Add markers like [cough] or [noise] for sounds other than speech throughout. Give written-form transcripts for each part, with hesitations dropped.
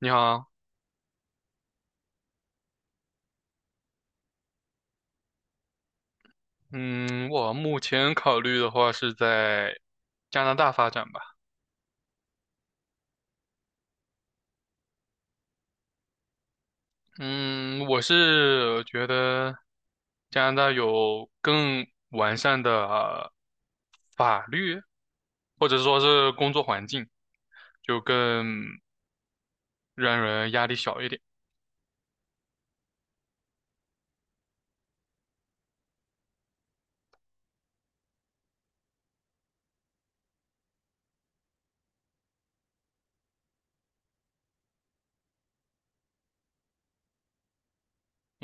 你好，嗯，我目前考虑的话是在加拿大发展吧。嗯，我是觉得加拿大有更完善的法律，或者说是工作环境，就更让人压力小一点。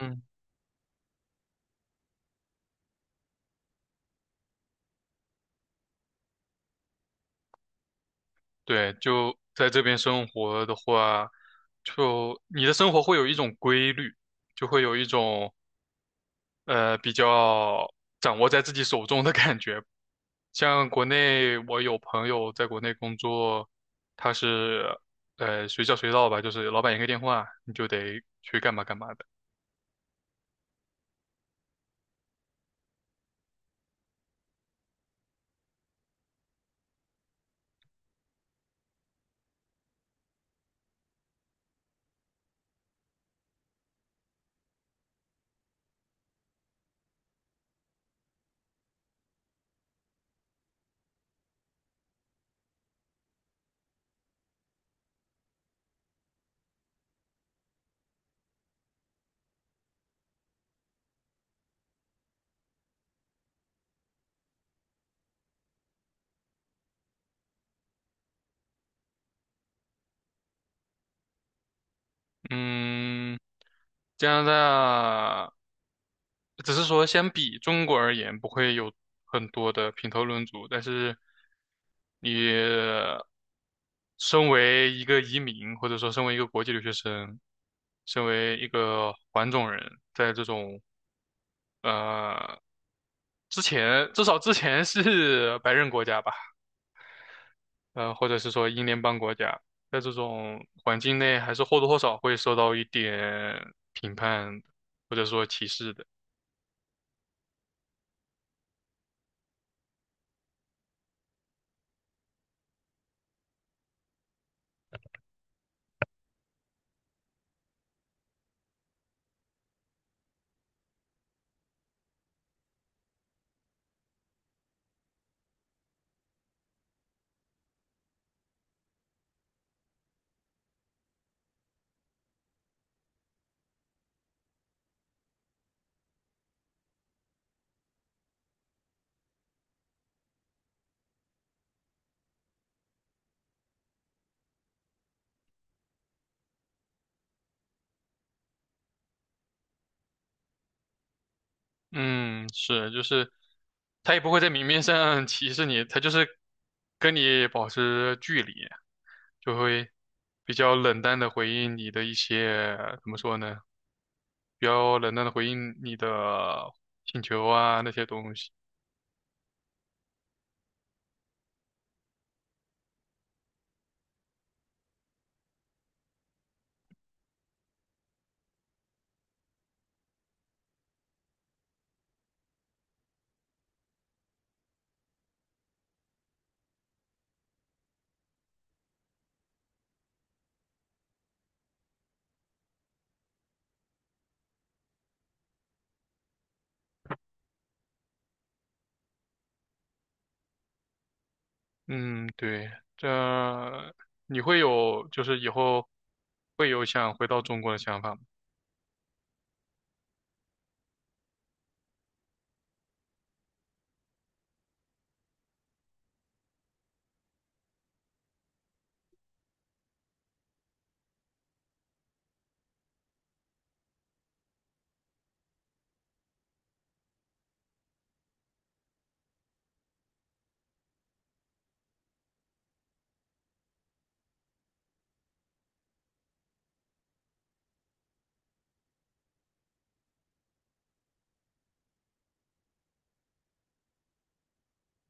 嗯，对，就在这边生活的话，就你的生活会有一种规律，就会有一种比较掌握在自己手中的感觉。像国内，我有朋友在国内工作，他是随叫随到吧，就是老板一个电话，你就得去干嘛干嘛的。嗯，加拿大只是说相比中国而言，不会有很多的评头论足，但是你身为一个移民，或者说身为一个国际留学生，身为一个黄种人，在这种呃，之前至少之前是白人国家吧，呃，或者是说英联邦国家，在这种环境内，还是或多或少会受到一点评判或者说歧视的。嗯，是，就是他也不会在明面上 [laughs] 歧视你，他就是跟你保持距离，就会比较冷淡的回应你的一些，怎么说呢？比较冷淡的回应你的请求啊那些东西。嗯，对，这你会有，就是以后会有想回到中国的想法吗？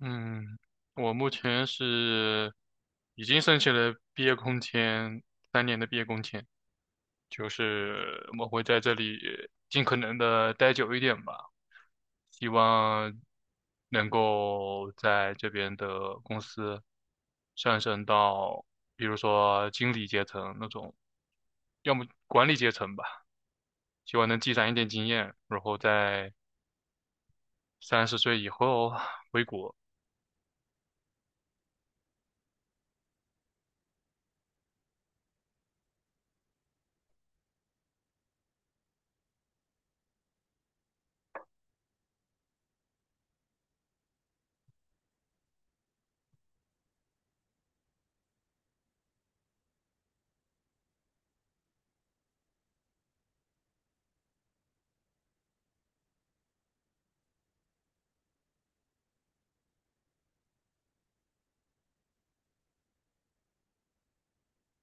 嗯，我目前是已经申请了毕业工签，三年的毕业工签，就是我会在这里尽可能的待久一点吧，希望能够在这边的公司上升到，比如说经理阶层那种，要么管理阶层吧。希望能积攒一点经验，然后在三十岁以后回国。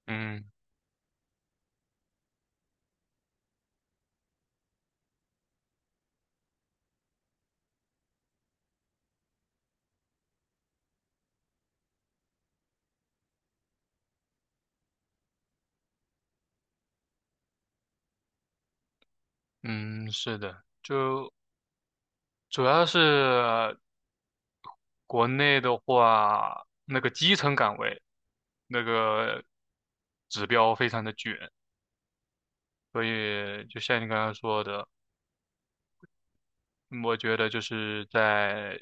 嗯。嗯，是的，就主要是国内的话，那个基层岗位那个指标非常的卷，所以就像你刚刚说的，嗯，我觉得就是在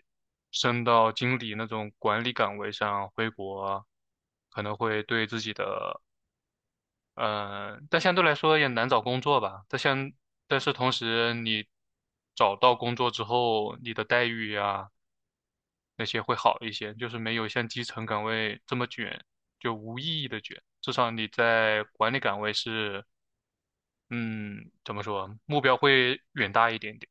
升到经理那种管理岗位上回国，可能会对自己的但相对来说也难找工作吧。但像，但是同时你找到工作之后，你的待遇呀、那些会好一些，就是没有像基层岗位这么卷，就无意义的卷。至少你在管理岗位是，嗯，怎么说，目标会远大一点点。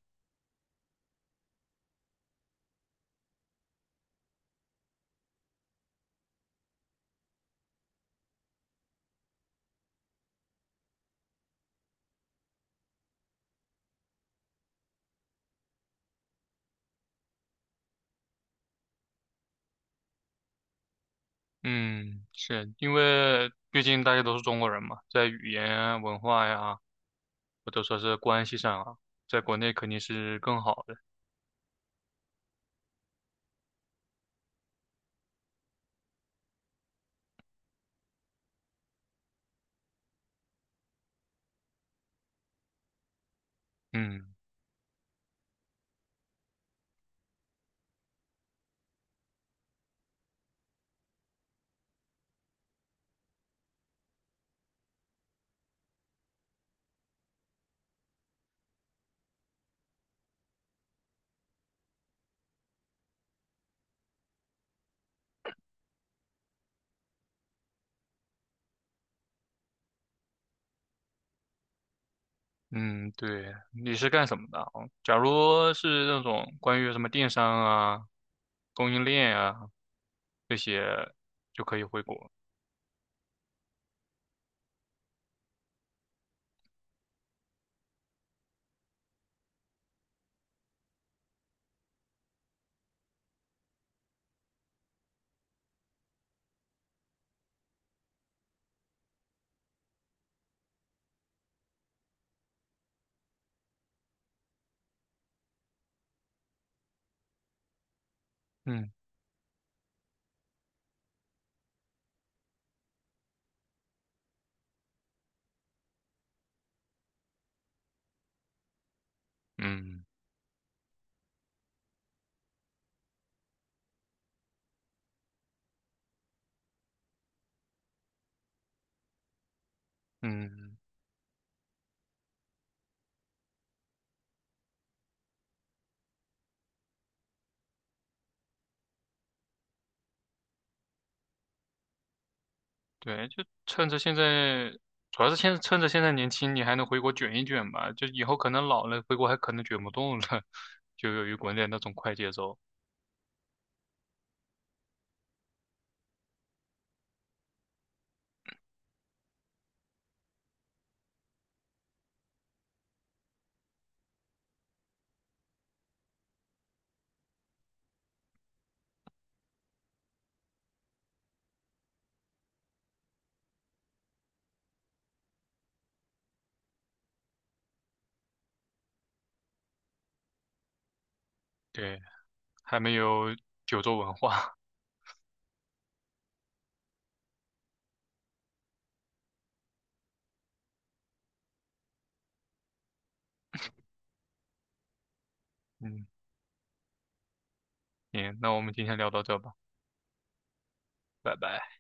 嗯，是因为毕竟大家都是中国人嘛，在语言啊文化呀，或者说是关系上啊，在国内肯定是更好的。嗯。嗯，对，你是干什么的啊？假如是那种关于什么电商啊、供应链啊这些，就可以回国。嗯。嗯。嗯，对，就趁着现在，主要是趁着现在年轻，你还能回国卷一卷吧。就以后可能老了，回国还可能卷不动了，[laughs] 就由于国内那种快节奏，对，还没有九州文化。[laughs] 嗯，行，那我们今天聊到这吧，拜拜。